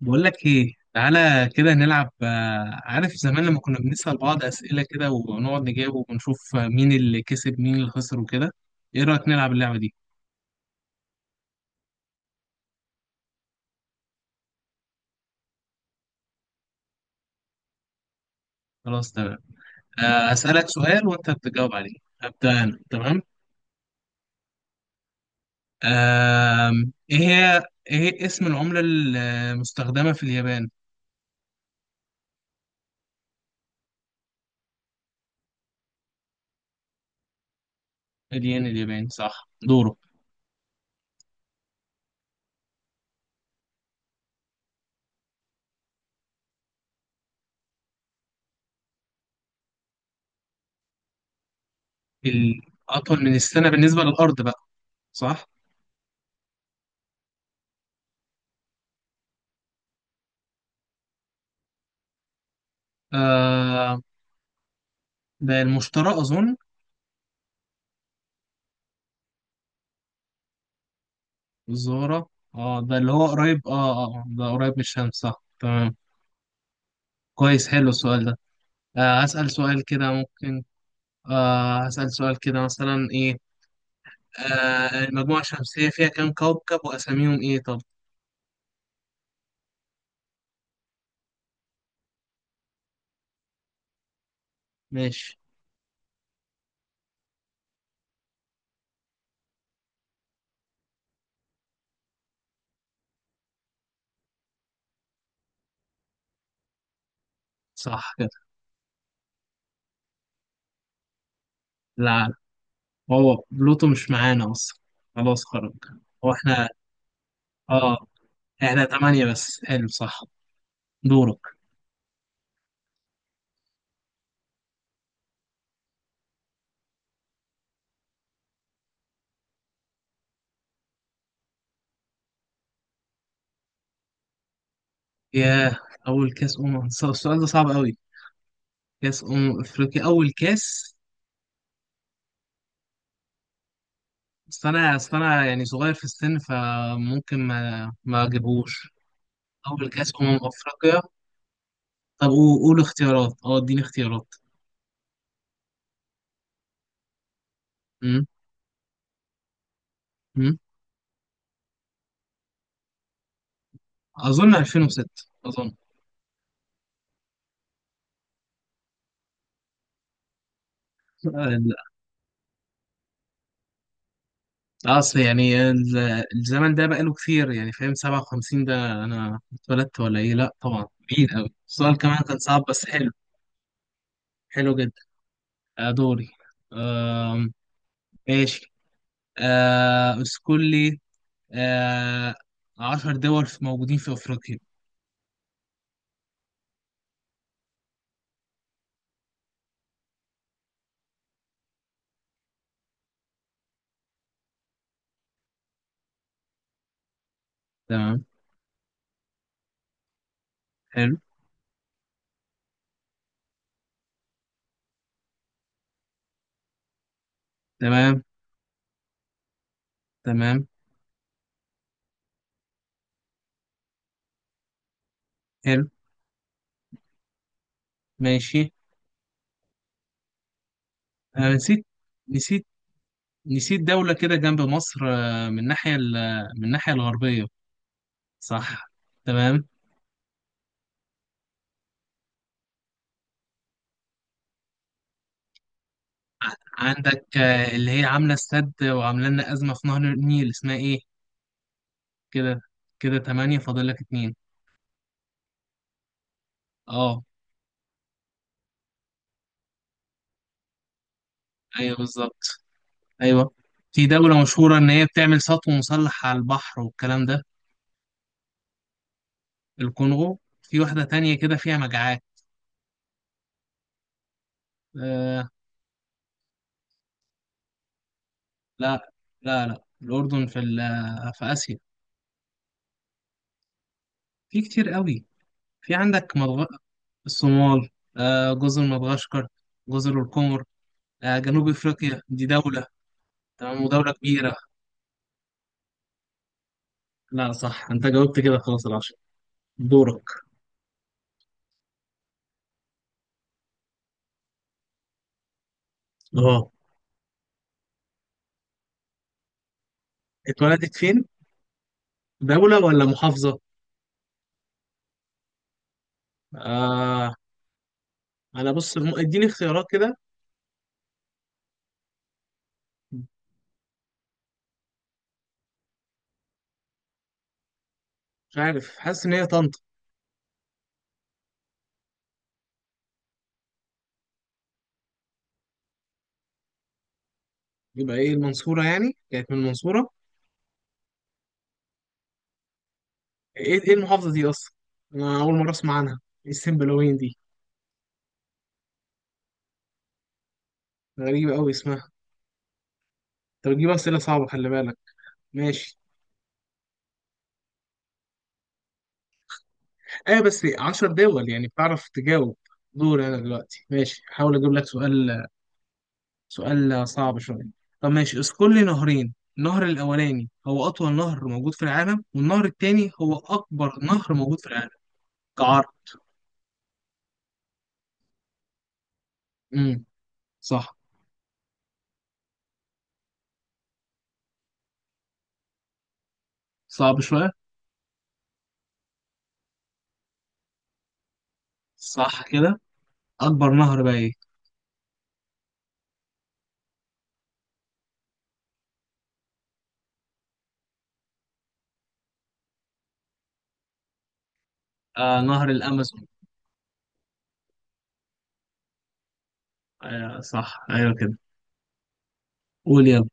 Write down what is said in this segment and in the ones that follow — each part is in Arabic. بقول لك ايه، تعالى كده نلعب. عارف زمان لما كنا بنسأل بعض أسئلة كده ونقعد نجاوب ونشوف مين اللي كسب مين اللي خسر وكده. ايه رأيك نلعب اللعبة دي؟ خلاص تمام. أسألك سؤال وانت بتجاوب عليه. هبدأ انا تمام. ايه هي، ايه هي اسم العملة المستخدمة في اليابان؟ الين الياباني، صح. دوره. الأطول من السنة بالنسبة للأرض بقى؟ صح. آه، ده المشترى أظن. الزهرة؟ اه ده اللي هو قريب، اه. اه، ده قريب من الشمس، صح تمام. كويس، حلو السؤال ده. آه هسأل سؤال كده ممكن. آه هسأل سؤال كده، مثلا ايه. آه المجموعة الشمسية فيها كام كوكب وأساميهم ايه؟ طب ماشي. صح كده. لا، هو بلوتو مش معانا أصلا، خلاص خرج. احنا اه احنا تمانية بس، حلو صح. دورك. ياه، أول كأس أمم، السؤال ده صعب أوي. كأس أمم أفريقيا أول كأس. بس انا اصل انا يعني صغير في السن فممكن ما اجيبهوش. اول كاس افريقيا. طب قول اختيارات، اه اديني اختيارات. امم. امم. اظن 2006. اظن. ال- اصل يعني الزمن ده بقاله كتير يعني، فاهم؟ 57 ده انا اتولدت ولا ايه؟ لا طبعا. بعيد قوي السؤال، كمان كان صعب بس حلو. حلو جدا. دوري. آم، ماشي. اذكر لي، آه، 10 دول موجودين في افريقيا. تمام. حلو. تمام. تمام. حلو. ماشي. أنا نسيت، نسيت، نسيت دولة كده جنب مصر من الناحية من الناحية الغربية. صح. تمام. عندك اللي هي عاملة السد وعاملة لنا أزمة في نهر النيل، اسمها إيه؟ كده، كده تمانية فاضل لك اتنين. أه. أيوه بالظبط. أيوه. في دولة مشهورة إن هي بتعمل سطو مسلح على البحر والكلام ده. الكونغو. في واحدة تانية كده فيها مجاعات. آه لا. لا لا، الأردن في في آسيا. في كتير قوي. في عندك مدغ... الصومال. آه جزر مدغشقر، جزر القمر. آه جنوب افريقيا دي دولة تمام، ودولة كبيرة. لا صح، انت جاوبت كده خلاص العشرة. دورك. اه، اتولدت فين؟ دولة ولا محافظة؟ آه انا بص، اديني اختيارات كده. مش عارف، حاسس ان هي طنطا. يبقى ايه، المنصورة يعني كانت من المنصورة؟ ايه ايه المحافظة دي اصلا؟ انا اول مرة اسمع عنها. ايه السنبلاوين دي؟ غريبة قوي اسمها. انت بتجيب اسئلة صعبة خلي بالك. ماشي. ايوه بس 10 دول يعني بتعرف تجاوب. دور انا دلوقتي. ماشي هحاول اجيب لك سؤال. سؤال صعب شويه. طب ماشي، اذكر لي نهرين، النهر الاولاني هو اطول نهر موجود في العالم، والنهر التاني هو اكبر نهر موجود في العالم كعرض. امم. صح. صعب شويه. صح كده. اكبر نهر بقى ايه؟ آه نهر الامازون. آه صح ايوه كده. قول يلا.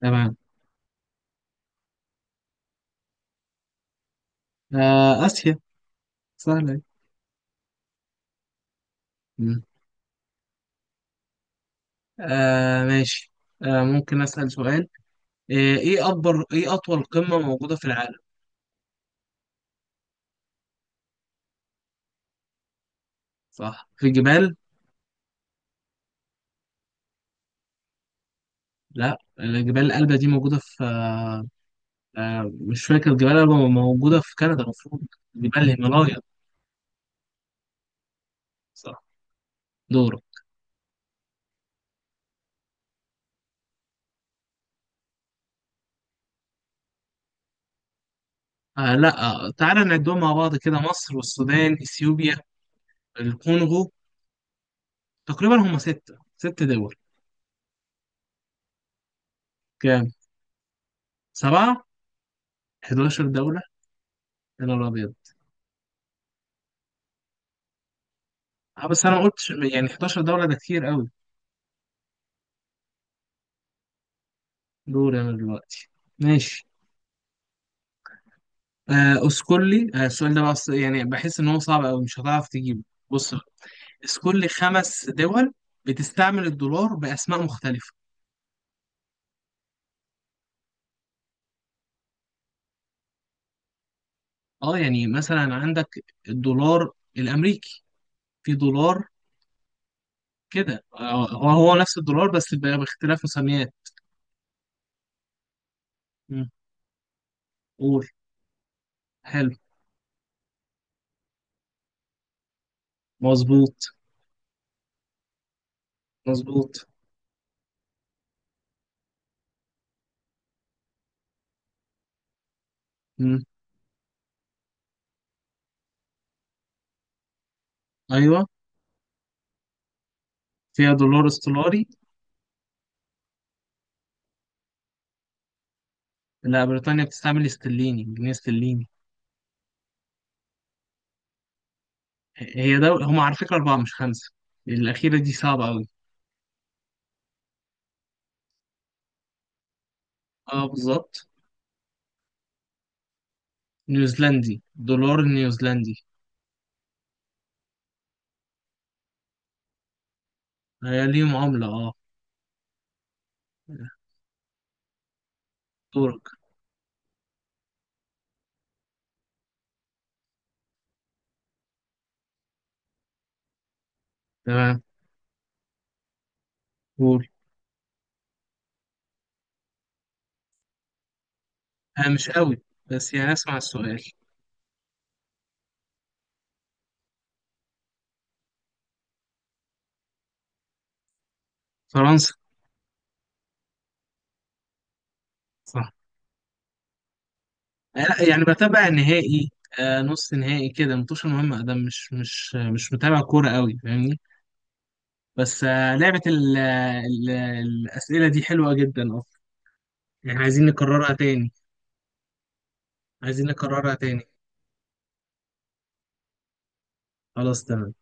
تمام. آه اسيا. سهله أهي. مم. آه ماشي. آه ممكن اسال سؤال. إيه أطول قمة موجودة في العالم؟ صح، في جبال؟ لا الجبال الألبة دي موجودة في مش فاكر، جبال الألبة موجودة في كندا المفروض. جبال الهيمالايا. صح. دورة. آه لا. تعالى نعدهم مع بعض كده، مصر والسودان، إثيوبيا، الكونغو. تقريبا هم ستة، ست دول. كام؟ سبعة؟ 11 دولة؟ يا نهار أبيض. بس أنا ما قلتش يعني، 11 دولة ده كتير قوي. دور أنا دلوقتي. ماشي. اسكولي، السؤال ده بقى يعني بحس ان هو صعب قوي مش هتعرف تجيبه. بص. اذكر لي خمس دول بتستعمل الدولار باسماء مختلفه. اه يعني مثلا عندك الدولار الامريكي، في دولار كده هو نفس الدولار بس باختلاف مسميات. مم. قول. حلو. مظبوط. مظبوط. مم. ايوه، فيها دولار استولاري. لا، بريطانيا بتستعمل استرليني، جنيه استرليني. هي دول هم على فكره اربعه مش خمسه. الاخيره دي صعبه قوي. اه بالظبط. نيوزيلندي، دولار نيوزيلندي. هي ليهم عملة اه. دورك. تمام. قول. انا مش قوي بس يعني اسمع السؤال. فرنسا. صح. لا يعني بتابع النهائي نص نهائي كده، متوش مهمة ده، مش متابع كورة قوي، فاهمني؟ بس آه لعبة ال الأسئلة دي حلوة جدا اصلا. يعني عايزين نكررها تاني. عايزين نكررها تاني. خلاص تمام.